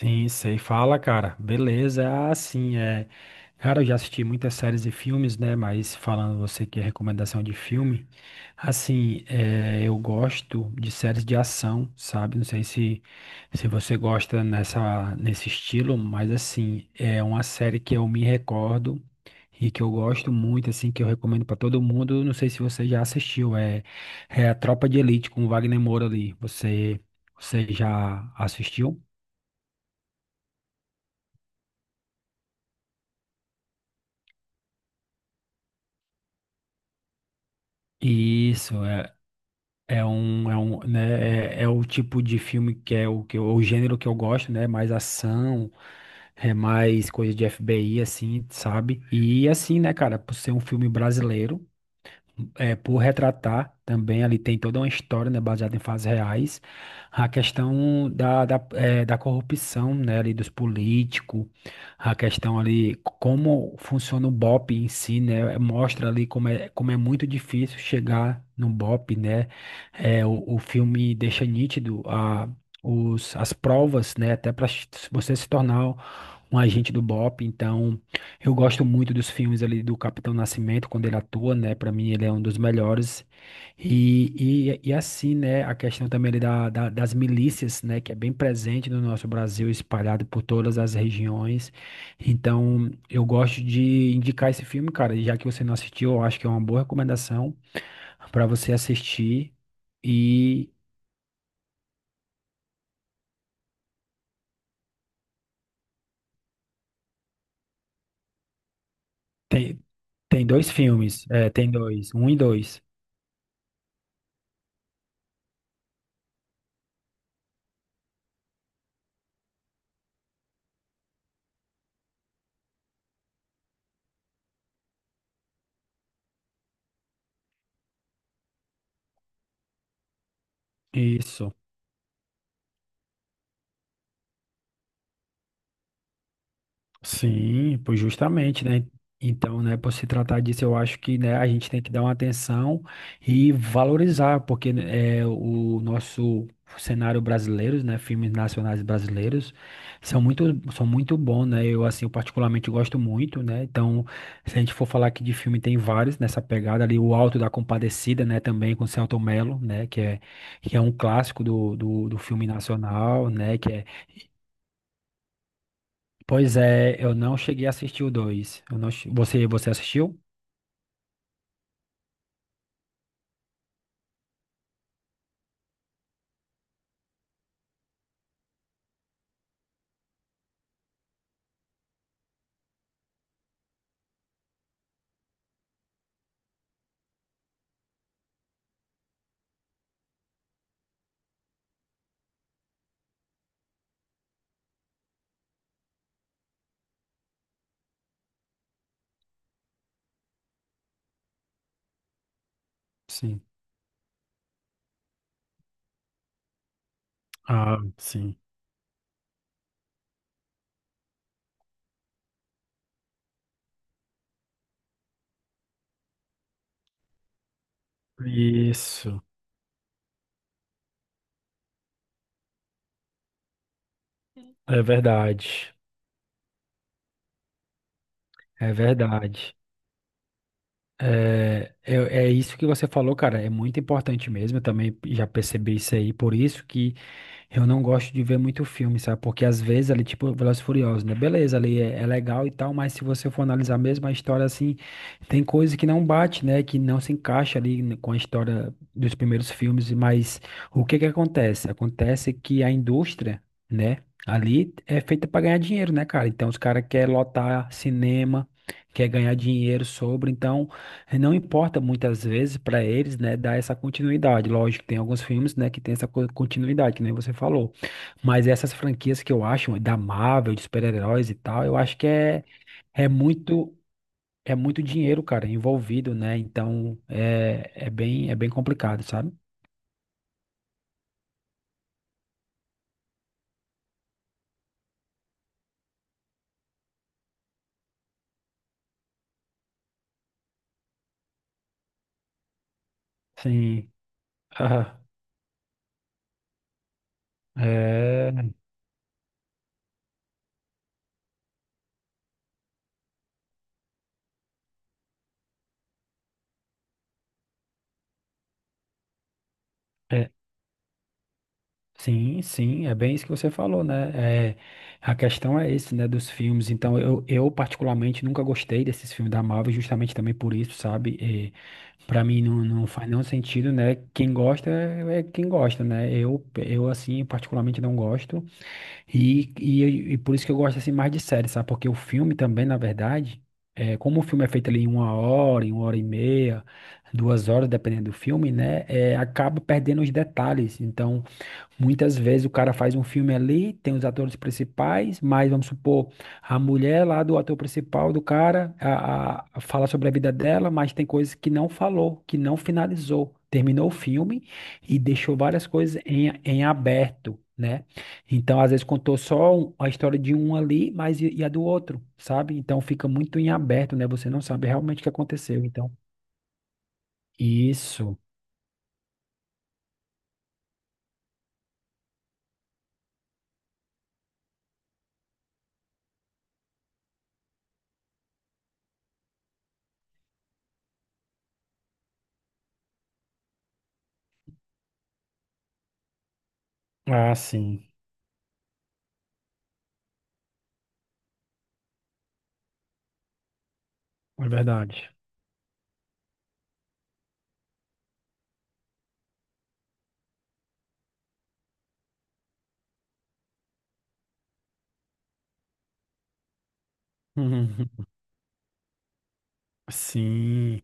Sim, sei. Fala, cara. Beleza. Cara, eu já assisti muitas séries e filmes, né? Mas falando você que é recomendação de filme, assim, eu gosto de séries de ação, sabe? Não sei se, se você gosta nesse estilo, mas assim, é uma série que eu me recordo e que eu gosto muito, assim, que eu recomendo pra todo mundo. Não sei se você já assistiu, é a Tropa de Elite com o Wagner Moura ali. Você já assistiu? Isso, é, é o tipo de filme que é o gênero que eu gosto, né? Mais ação, é mais coisa de FBI, assim, sabe? E assim, né, cara, por ser um filme brasileiro é, por retratar também, ali tem toda uma história, né, baseada em fatos reais, a questão da corrupção, né, ali dos políticos, a questão ali como funciona o BOP em si, né, mostra ali como é muito difícil chegar no BOP, né, o filme deixa nítido a, as provas, né, até para você se tornar um agente do BOP. Então eu gosto muito dos filmes ali do Capitão Nascimento, quando ele atua, né? Para mim, ele é um dos melhores. E assim, né? A questão também ali das milícias, né? Que é bem presente no nosso Brasil, espalhado por todas as regiões. Então, eu gosto de indicar esse filme, cara. E já que você não assistiu, eu acho que é uma boa recomendação para você assistir. E tem, tem dois filmes, é, tem dois, um e dois. Isso. Sim, pois justamente, né? Então, né, por se tratar disso, eu acho que, né, a gente tem que dar uma atenção e valorizar, porque né, é, o nosso cenário brasileiro, né, filmes nacionais brasileiros, são muito, são muito bons, né? Eu, assim, eu particularmente gosto muito, né? Então, se a gente for falar aqui de filme, tem vários nessa pegada ali, o Alto da Compadecida, né, também com Selton Mello, né, que é um clássico do filme nacional, né. Pois é, eu não cheguei a assistir o dois. Eu não... Você, você assistiu? Sim. Ah, sim. Isso. É verdade. É verdade. É isso que você falou, cara. É muito importante mesmo. Eu também já percebi isso aí. Por isso que eu não gosto de ver muito filme, sabe? Porque às vezes ali, tipo, Velozes e Furiosos, né? Beleza, ali é legal e tal, mas se você for analisar mesmo a história, assim, tem coisa que não bate, né? Que não se encaixa ali com a história dos primeiros filmes, mas o que que acontece? Acontece que a indústria, né? Ali é feita para ganhar dinheiro, né, cara? Então os caras querem lotar cinema, quer ganhar dinheiro sobre, então não importa muitas vezes para eles, né, dar essa continuidade. Lógico, tem alguns filmes, né, que tem essa continuidade, que nem você falou. Mas essas franquias que eu acho da Marvel, de super-heróis e tal, eu acho que é muito é muito dinheiro, cara, envolvido, né? Então é bem complicado, sabe? Sim. Ah, é, é. Sim, é bem isso que você falou, né? É, a questão é esse, né, dos filmes. Então, eu particularmente nunca gostei desses filmes da Marvel, justamente também por isso, sabe? E, para mim não faz nenhum sentido, né? Quem gosta é quem gosta, né? Eu assim, particularmente não gosto. E por isso que eu gosto assim mais de série, sabe? Porque o filme também, na verdade, é, como o filme é feito ali em uma hora e meia, duas horas, dependendo do filme, né? É, acaba perdendo os detalhes. Então, muitas vezes o cara faz um filme ali, tem os atores principais, mas vamos supor, a mulher lá do ator principal do cara a fala sobre a vida dela, mas tem coisas que não falou, que não finalizou. Terminou o filme e deixou várias coisas em aberto, né? Então, às vezes, contou só a história de um ali, mas e a do outro, sabe? Então, fica muito em aberto, né? Você não sabe realmente o que aconteceu. Então, isso. Ah, sim. É verdade. Sim.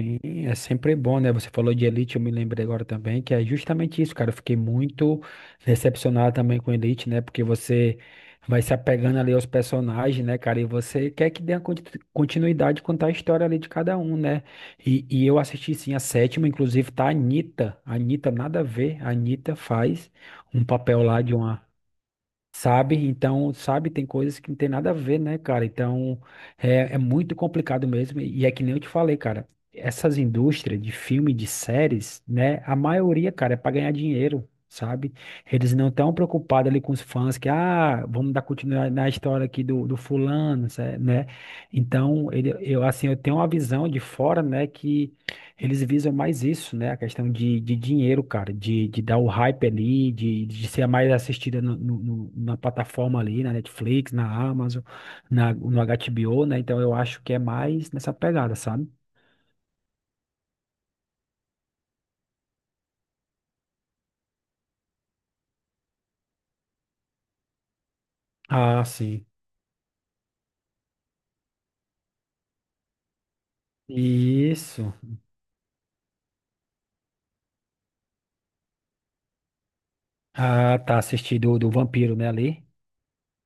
Sim, é sempre bom, né? Você falou de Elite, eu me lembrei agora também, que é justamente isso, cara. Eu fiquei muito decepcionado também com Elite, né? Porque você vai se apegando ali aos personagens, né, cara? E você quer que dê a continuidade, contar a história ali de cada um, né? E eu assisti sim a sétima, inclusive tá a Anitta. A Anitta, nada a ver. A Anitta faz um papel lá de uma. Sabe? Então, sabe, tem coisas que não tem nada a ver, né, cara? Então, é muito complicado mesmo. E é que nem eu te falei, cara, essas indústrias de filme, de séries, né? A maioria, cara, é para ganhar dinheiro, sabe? Eles não estão preocupados ali com os fãs que, ah, vamos dar continuidade na história aqui do fulano, né? Então, ele, assim, eu tenho uma visão de fora, né, que. Eles visam mais isso, né? A questão de dinheiro, cara, de dar o hype ali, de ser a mais assistida na plataforma ali, na Netflix, na Amazon, no HBO, né? Então eu acho que é mais nessa pegada, sabe? Ah, sim. Isso. Ah, tá assistido do vampiro, né, ali?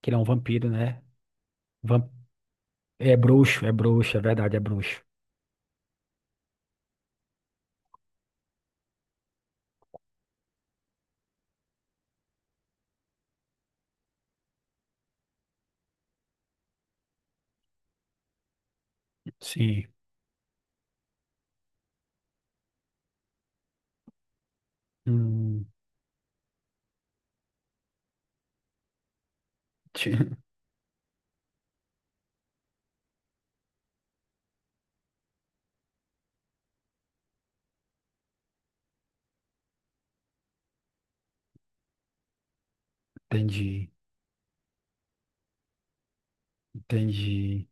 Que ele é um vampiro, né? Vam- é bruxo. Sim. Hum. Ti- Entendi. Entendi.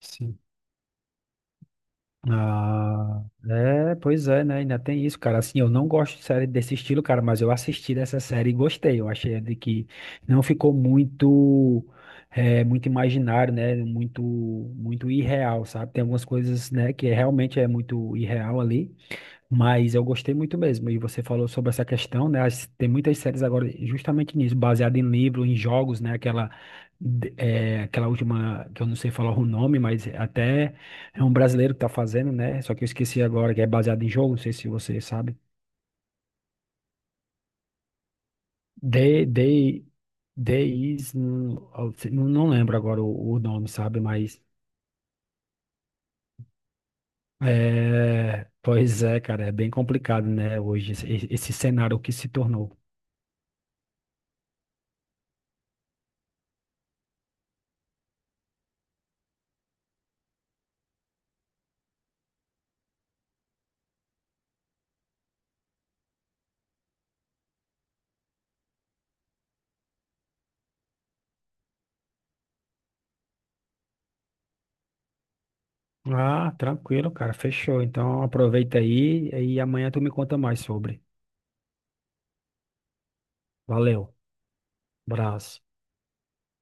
Sim. Ah, é, pois é, né? Ainda tem isso, cara. Assim, eu não gosto de série desse estilo, cara, mas eu assisti dessa série e gostei. Eu achei de que não ficou muito, muito imaginário, né? Muito irreal, sabe? Tem algumas coisas, né, que é, realmente é muito irreal ali, mas eu gostei muito mesmo. E você falou sobre essa questão, né? Tem muitas séries agora justamente nisso, baseada em livro, em jogos, né? Aquela, aquela última, que eu não sei falar o nome, mas até é um brasileiro que tá fazendo, né? Só que eu esqueci agora, que é baseado em jogo, não sei se você sabe. The, The, The Is, não, não lembro agora o nome, sabe? Mas. É, pois é, cara, é bem complicado, né? Hoje, esse cenário que se tornou. Ah, tranquilo, cara. Fechou. Então aproveita aí e amanhã tu me conta mais sobre. Valeu. Abraço.